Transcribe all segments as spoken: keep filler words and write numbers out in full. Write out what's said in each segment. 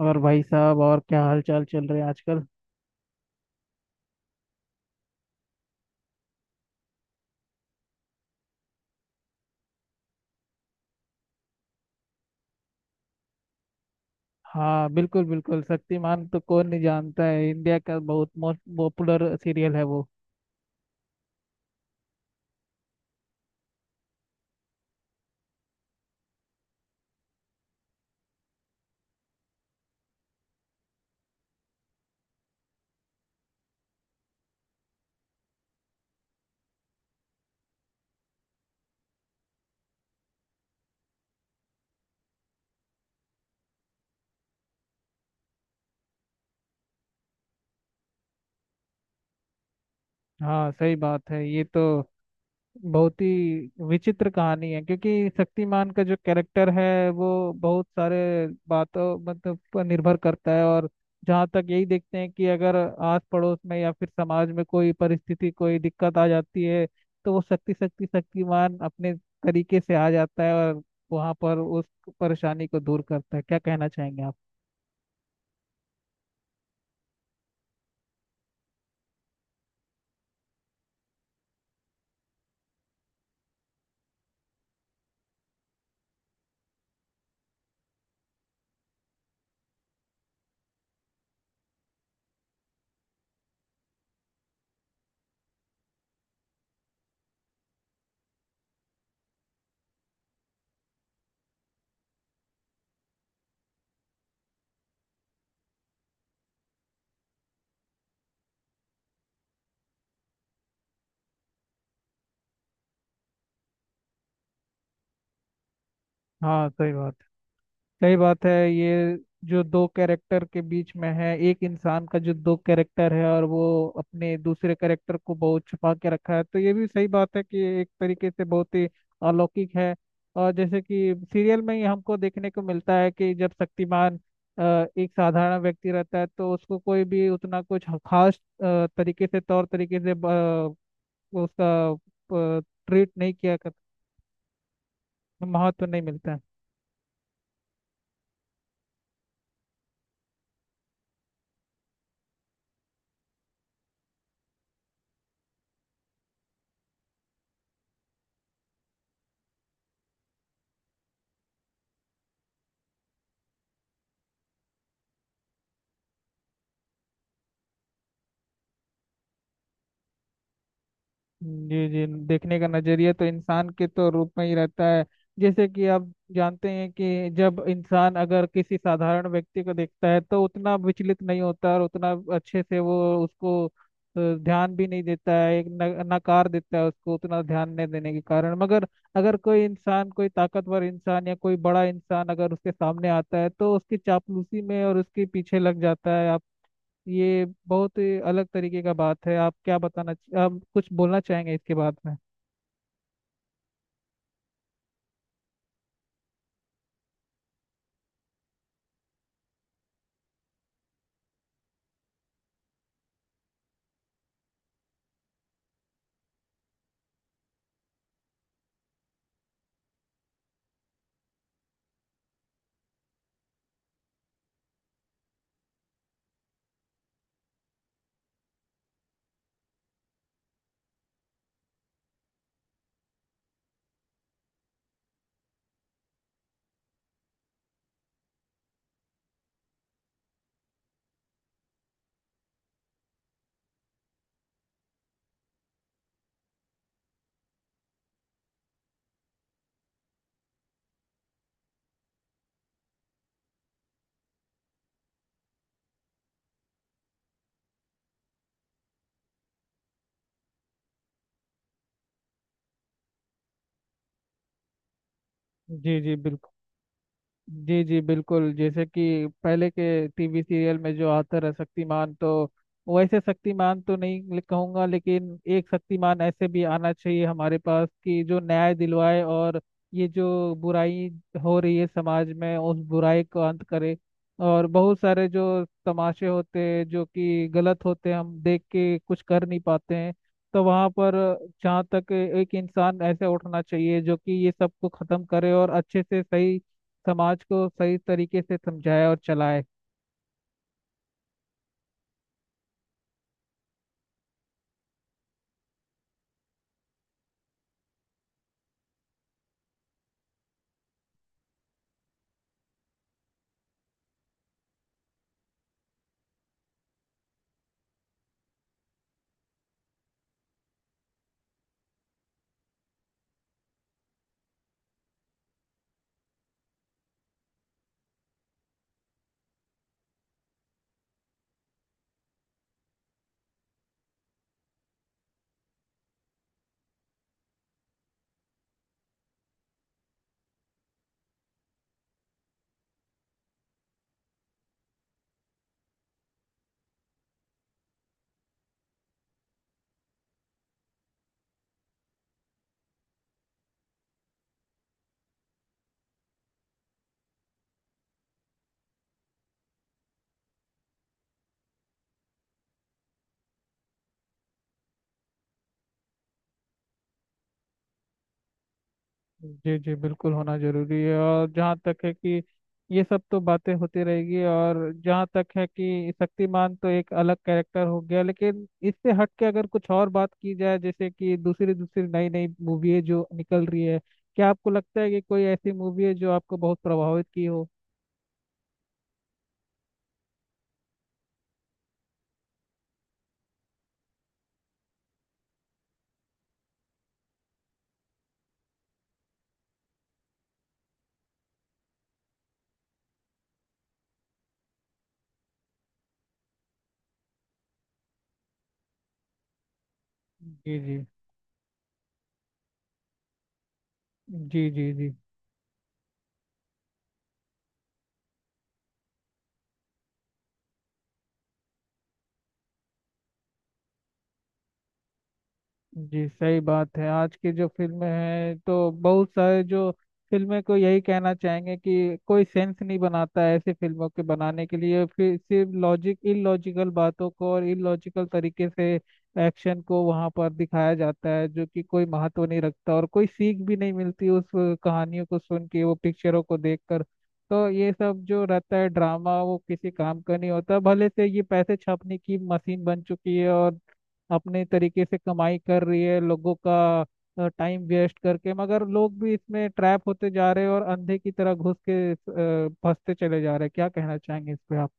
और भाई साहब, और क्या हाल चाल चल रहे हैं आजकल। हाँ, बिल्कुल बिल्कुल, शक्तिमान तो कौन नहीं जानता है। इंडिया का बहुत मोस्ट पॉपुलर सीरियल है वो। हाँ सही बात है ये तो। बहुत ही विचित्र कहानी है क्योंकि शक्तिमान का जो कैरेक्टर है वो बहुत सारे बातों मतलब पर निर्भर करता है। और जहाँ तक यही देखते हैं कि अगर आस पड़ोस में या फिर समाज में कोई परिस्थिति कोई दिक्कत आ जाती है तो वो शक्ति शक्ति शक्तिमान अपने तरीके से आ जाता है और वहाँ पर उस परेशानी को दूर करता है। क्या कहना चाहेंगे आप। हाँ सही बात, सही बात है ये। जो दो कैरेक्टर के बीच में है, एक इंसान का जो दो कैरेक्टर है, और वो अपने दूसरे कैरेक्टर को बहुत छुपा के रखा है। तो ये भी सही बात है कि एक तरीके से बहुत ही अलौकिक है। और जैसे कि सीरियल में ही हमको देखने को मिलता है कि जब शक्तिमान अ, एक साधारण व्यक्ति रहता है तो उसको कोई भी उतना कुछ खास अ, तरीके से तौर तरीके से अ, उसका ट्रीट नहीं किया कर, महत्व नहीं मिलता है। जी जी, देखने का नजरिया तो इंसान के तो रूप में ही रहता है। जैसे कि आप जानते हैं कि जब इंसान अगर किसी साधारण व्यक्ति को देखता है तो उतना विचलित नहीं होता और उतना अच्छे से वो उसको अ, ध्यान भी नहीं देता है, एक न, नकार देता है उसको, उतना ध्यान नहीं देने के कारण। मगर अगर कोई इंसान, कोई ताकतवर इंसान या कोई बड़ा इंसान अगर उसके सामने आता है तो उसकी चापलूसी में और उसके पीछे लग जाता है। ये बहुत ही अलग तरीके का बात है। आप क्या बताना, आप कुछ बोलना चाहेंगे इसके बाद में। जी जी बिल्कुल। जी जी बिल्कुल, जैसे कि पहले के टीवी सीरियल में जो आता रहा शक्तिमान, तो वैसे शक्तिमान तो नहीं ले- कहूंगा, लेकिन एक शक्तिमान ऐसे भी आना चाहिए हमारे पास कि जो न्याय दिलवाए और ये जो बुराई हो रही है समाज में उस बुराई को अंत करे। और बहुत सारे जो तमाशे होते हैं जो कि गलत होते हैं, हम देख के कुछ कर नहीं पाते हैं। तो वहाँ पर जहाँ तक एक इंसान ऐसे उठना चाहिए जो कि ये सब को खत्म करे और अच्छे से सही समाज को सही तरीके से समझाए और चलाए। जी जी बिल्कुल, होना जरूरी है। और जहाँ तक है कि ये सब तो बातें होती रहेगी। और जहाँ तक है कि शक्तिमान तो एक अलग कैरेक्टर हो गया, लेकिन इससे हट के अगर कुछ और बात की जाए, जैसे कि दूसरी दूसरी नई नई मूवी है जो निकल रही है, क्या आपको लगता है कि कोई ऐसी मूवी है जो आपको बहुत प्रभावित की हो। जी जी। जी जी। जी जी सही बात है। आज की जो फिल्में हैं तो बहुत सारे जो फिल्में को यही कहना चाहेंगे कि कोई सेंस नहीं बनाता है ऐसी फिल्मों के बनाने के लिए। फिर सिर्फ लॉजिक इलॉजिकल बातों को और इलॉजिकल तरीके से एक्शन को वहां पर दिखाया जाता है, जो कि कोई महत्व नहीं रखता और कोई सीख भी नहीं मिलती उस कहानियों को सुन के, वो पिक्चरों को देखकर। तो ये सब जो रहता है ड्रामा वो किसी काम का नहीं होता। भले से ये पैसे छापने की मशीन बन चुकी है और अपने तरीके से कमाई कर रही है लोगों का टाइम वेस्ट करके। मगर लोग भी इसमें ट्रैप होते जा रहे हैं और अंधे की तरह घुस के अ, फंसते चले जा रहे हैं। क्या कहना चाहेंगे इस पे आप।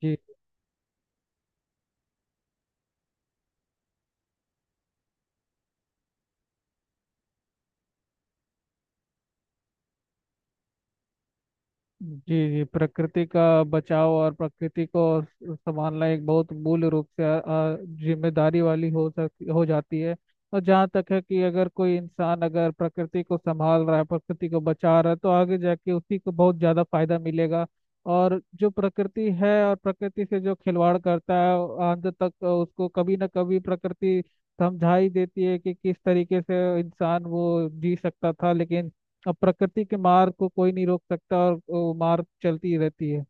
जी। जी। जी प्रकृति का बचाव और प्रकृति को संभालना एक बहुत मूल रूप से अ, अ, जिम्मेदारी वाली हो सकती, हो जाती है। और जहाँ तक है कि अगर कोई इंसान अगर प्रकृति को संभाल रहा है, प्रकृति को बचा रहा है, तो आगे जाके उसी को बहुत ज़्यादा फायदा मिलेगा। और जो प्रकृति है, और प्रकृति से जो खिलवाड़ करता है, अंत तक उसको कभी ना कभी प्रकृति समझा ही देती है कि किस तरीके से इंसान वो जी सकता था। लेकिन अब प्रकृति के मार को कोई नहीं रोक सकता और वो मार चलती ही रहती है।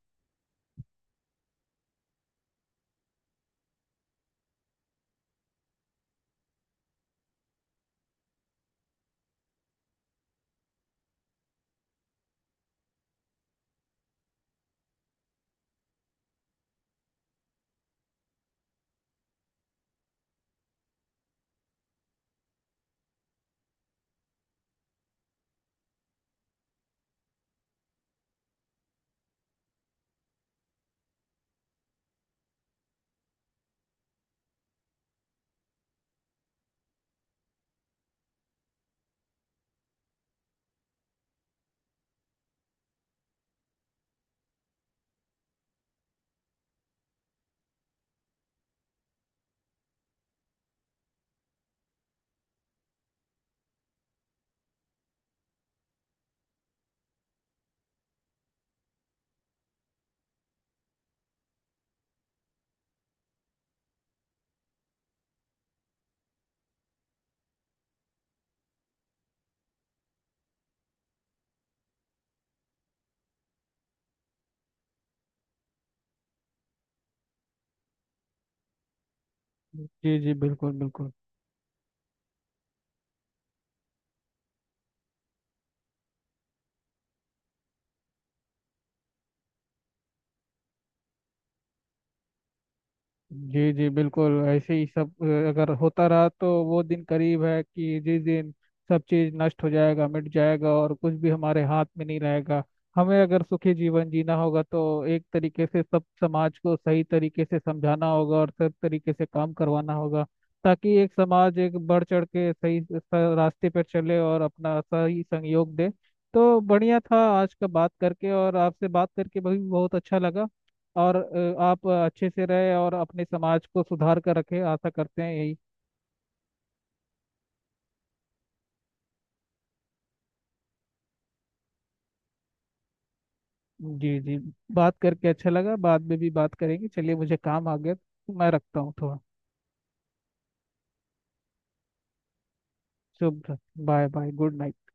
जी जी बिल्कुल बिल्कुल। जी जी बिल्कुल, ऐसे ही सब अ, अगर होता रहा तो वो दिन करीब है कि जिस दिन सब चीज नष्ट हो जाएगा, मिट जाएगा और कुछ भी हमारे हाथ में नहीं रहेगा। हमें अगर सुखी जीवन जीना होगा तो एक तरीके से सब समाज को सही तरीके से समझाना होगा और सब तरीके से काम करवाना होगा, ताकि एक समाज एक बढ़ चढ़ के सही स- रास्ते पर चले और अपना सही सहयोग दे। तो बढ़िया था आज का, बात करके, और आपसे बात करके भी बहुत अच्छा लगा। और अ, आप अच्छे से रहे और अपने समाज को सुधार कर रखें, आशा करते हैं यही। जी जी। बात करके अच्छा लगा, बाद में भी बात करेंगे। चलिए मुझे काम आ गया तो मैं रखता हूँ थोड़ा। शुभ, बाय बाय, गुड नाइट।